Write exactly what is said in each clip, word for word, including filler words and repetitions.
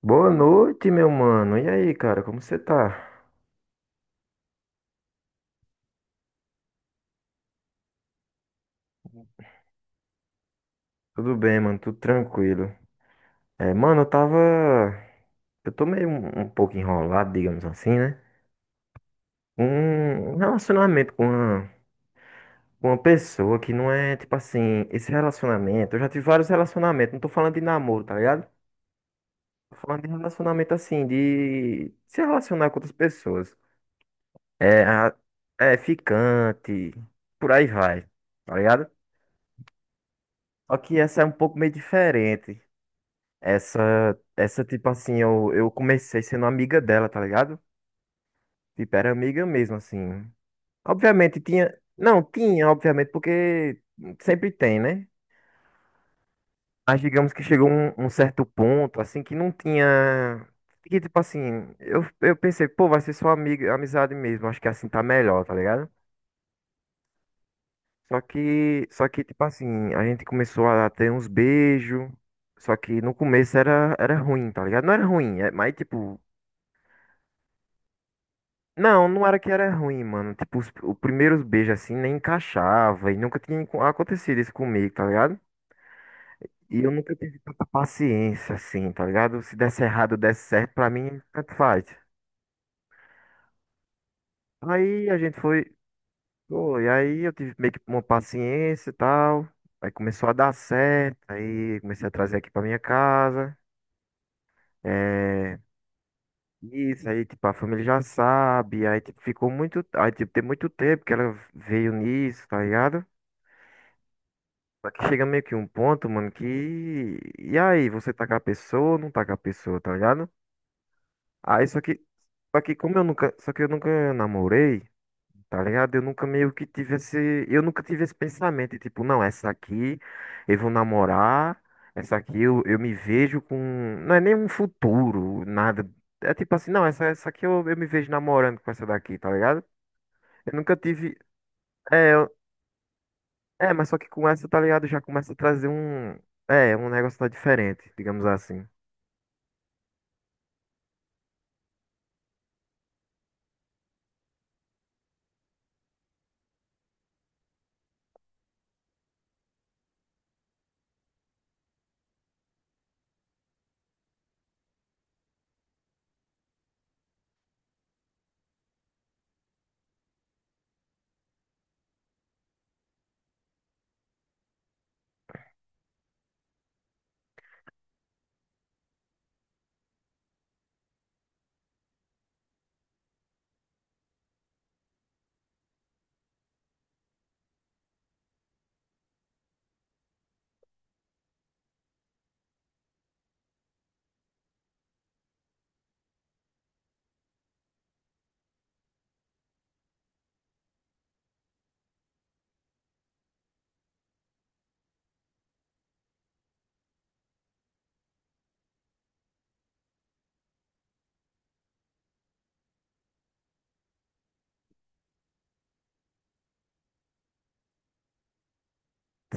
Boa noite, meu mano. E aí, cara, como você tá? Tudo bem, mano? Tudo tranquilo. É, mano, eu tava. Eu tô meio um, um pouco enrolado, digamos assim, né? Um um relacionamento com uma, com uma pessoa que não é, tipo assim, esse relacionamento. Eu já tive vários relacionamentos, não tô falando de namoro, tá ligado? Tô falando de relacionamento assim, de se relacionar com outras pessoas. É, a- é ficante, por aí vai, tá ligado? Só que essa é um pouco meio diferente. Essa, essa, tipo assim, eu, eu comecei sendo amiga dela, tá ligado? Tipo, era amiga mesmo, assim. Obviamente tinha. Não, tinha, obviamente, porque sempre tem, né? Mas digamos que chegou um, um certo ponto, assim, que não tinha. Que, tipo assim, eu, eu pensei, pô, vai ser só amiga, amizade mesmo, acho que assim tá melhor, tá ligado? Só que, só que, tipo assim, a gente começou a ter uns beijos. Só que no começo era, era ruim, tá ligado? Não era ruim, é- mas tipo. Não, não era que era ruim, mano. Tipo, os, os primeiros beijos assim nem encaixava e nunca tinha enco- acontecido isso comigo, tá ligado? E eu nunca tive tanta paciência assim, tá ligado? Se desse errado, desse certo, pra mim, tanto faz. Aí a gente foi, pô, e aí eu tive meio que uma paciência e tal. Aí começou a dar certo, aí comecei a trazer aqui pra minha casa. É. Isso, aí, tipo, a família já sabe, aí, tipo, ficou muito, aí, tipo, tem muito tempo que ela veio nisso, tá ligado? Só que chega meio que um ponto, mano, que. E aí, você tá com a pessoa ou não tá com a pessoa, tá ligado? Aí, só que. Só que como eu nunca. Só que eu nunca namorei, tá ligado? Eu nunca meio que tive esse. Eu nunca tive esse pensamento, tipo, não, essa aqui eu vou namorar. Essa aqui eu, eu me vejo com. Não é nem um futuro, nada. É tipo assim, não, essa, essa aqui eu, eu me vejo namorando com essa daqui, tá ligado? Eu nunca tive. É, eu. É, mas só que com essa, tá ligado? Já começa a trazer um. É, um negócio tá diferente, digamos assim.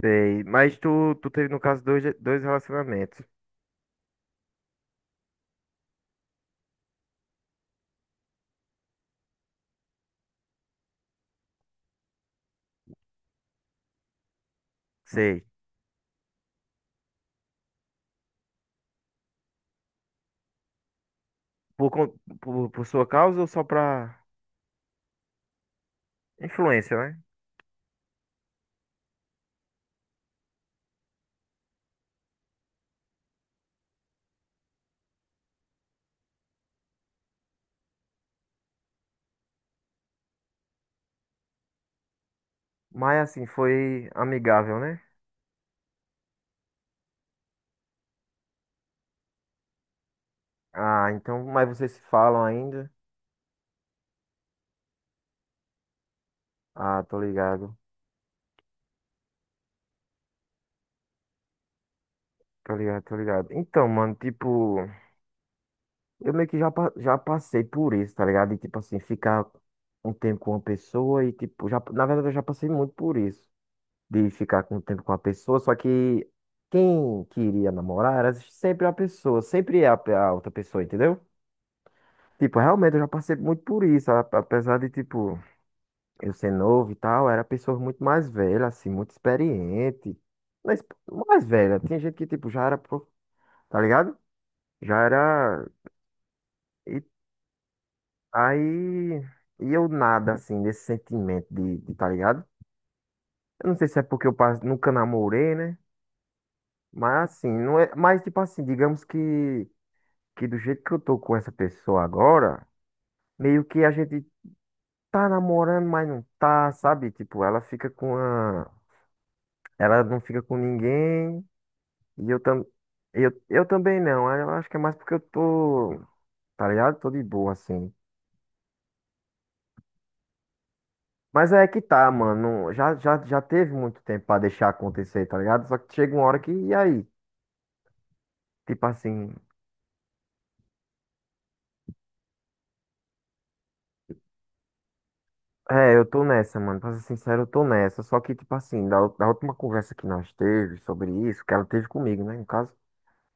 Sei. Mas tu, tu teve, no caso, dois, dois relacionamentos. Sei. Por, con- por, por sua causa ou só pra influência, né? Mas assim, foi amigável, né? Ah, então. Mas vocês se falam ainda? Ah, tô ligado. Tô ligado, tô ligado. Então, mano, tipo. Eu meio que já, pa- já passei por isso, tá ligado? E tipo assim, ficar um tempo com uma pessoa e tipo. Já, na verdade, eu já passei muito por isso. De ficar com o tempo com a pessoa, só que quem queria namorar era sempre a pessoa, sempre é a, a outra pessoa, entendeu? Tipo, realmente eu já passei muito por isso, a- apesar de, tipo, eu ser novo e tal, era pessoas muito mais velhas, assim, muito experiente, mas mais velha, tinha gente que, tipo, já era, pro- tá ligado? Já era, e aí, e eu nada, assim, desse sentimento de, de, tá ligado? Eu não sei se é porque eu pas- nunca namorei, né? Mas assim, não é, mas tipo assim, digamos que que do jeito que eu tô com essa pessoa agora, meio que a gente tá namorando, mas não tá, sabe? Tipo, ela fica com a. Ela não fica com ninguém. E eu também. Eu, eu também não. Aí eu acho que é mais porque eu tô. Tá ligado? Tô de boa, assim. Mas é que tá, mano. Já, já, já teve muito tempo pra deixar acontecer, tá ligado? Só que chega uma hora que. E aí? Tipo assim. É, eu tô nessa, mano. Pra ser sincero, eu tô nessa. Só que, tipo assim, da, da última conversa que nós teve sobre isso, que ela teve comigo, né, no caso.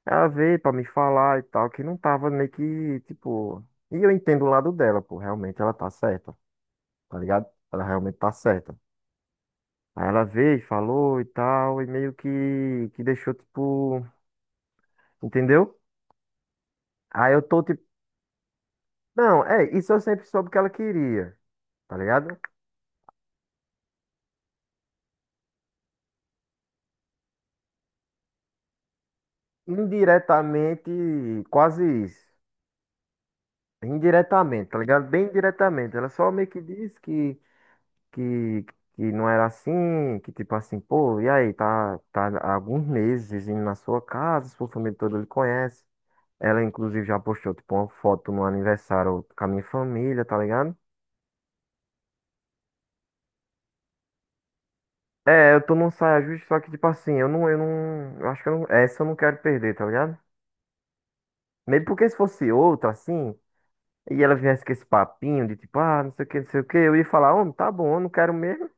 A ver pra me falar e tal, que não tava meio que, tipo. E eu entendo o lado dela, pô, realmente ela tá certa, tá ligado? Ela realmente tá certa. Aí ela veio, falou e tal, e meio que, que deixou, tipo, entendeu? Aí eu tô tipo, não, é, isso eu sempre soube que ela queria, tá ligado? Indiretamente, quase isso. Indiretamente, tá ligado? Bem diretamente. Ela só meio que disse que que, que não era assim, que tipo assim, pô, e aí, tá, tá há alguns meses indo na sua casa, sua família toda lhe conhece. Ela, inclusive, já postou, tipo, uma foto no aniversário com a minha família, tá ligado? É, eu tô num saia justa, só que, tipo assim, eu não, eu não, eu acho que eu não, essa eu não quero perder, tá ligado? Mesmo porque se fosse outra, assim, e ela viesse com esse papinho de tipo, ah, não sei o que, não sei o que, eu ia falar, homem, tá bom, eu não quero mesmo,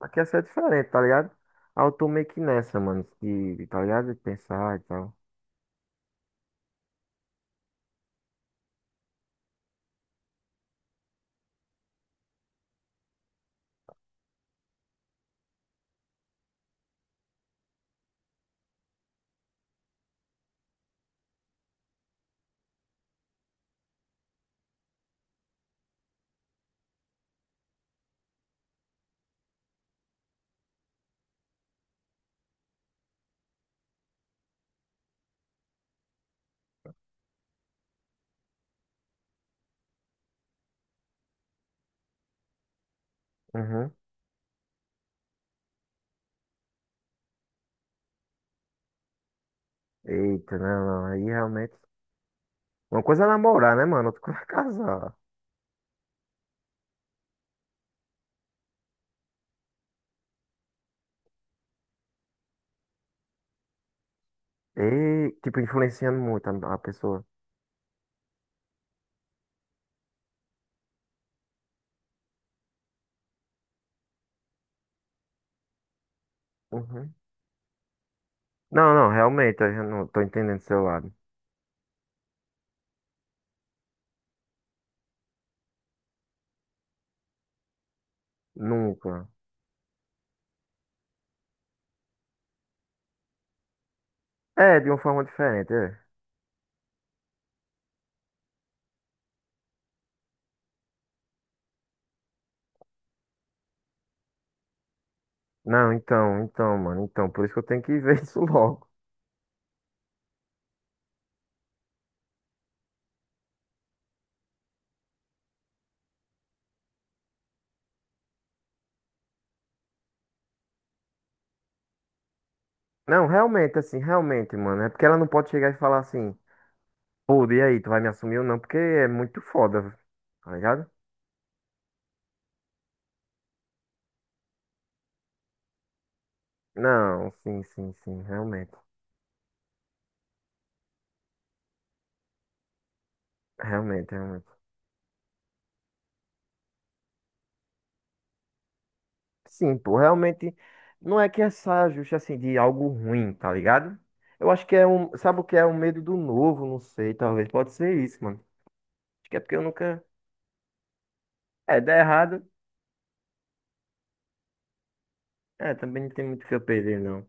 aqui essa é diferente, tá ligado? Aí eu tô meio que nessa, mano, de, tá ligado? De pensar e tal. Uhum. Eita, não, não. Aí realmente. Uma coisa é namorar, né, mano? Outra coisa é casar. E, tipo, influenciando muito a, a pessoa. Uhum. Não, não, realmente, eu já não tô entendendo do seu lado. Nunca. É, de uma forma diferente, é. Não, então, então, mano, então, por isso que eu tenho que ver isso logo. Não, realmente, assim, realmente, mano, é porque ela não pode chegar e falar assim, pô, e aí, tu vai me assumir ou não? Porque é muito foda, tá ligado? Não, sim, sim, sim, realmente, realmente, realmente. Sim, pô, realmente não é que essa justa assim de algo ruim, tá ligado? Eu acho que é um, sabe o que é um medo do novo, não sei, talvez pode ser isso, mano. Acho que é porque eu nunca, é, dá errado, é, também não tem muito o que eu perder, não.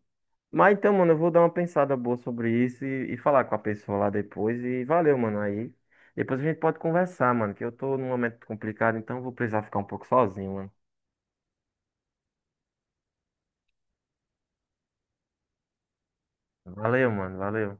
Mas então, mano, eu vou dar uma pensada boa sobre isso e, e falar com a pessoa lá depois e valeu, mano, aí. Depois a gente pode conversar, mano, que eu tô num momento complicado, então eu vou precisar ficar um pouco sozinho, mano. Valeu, mano, valeu.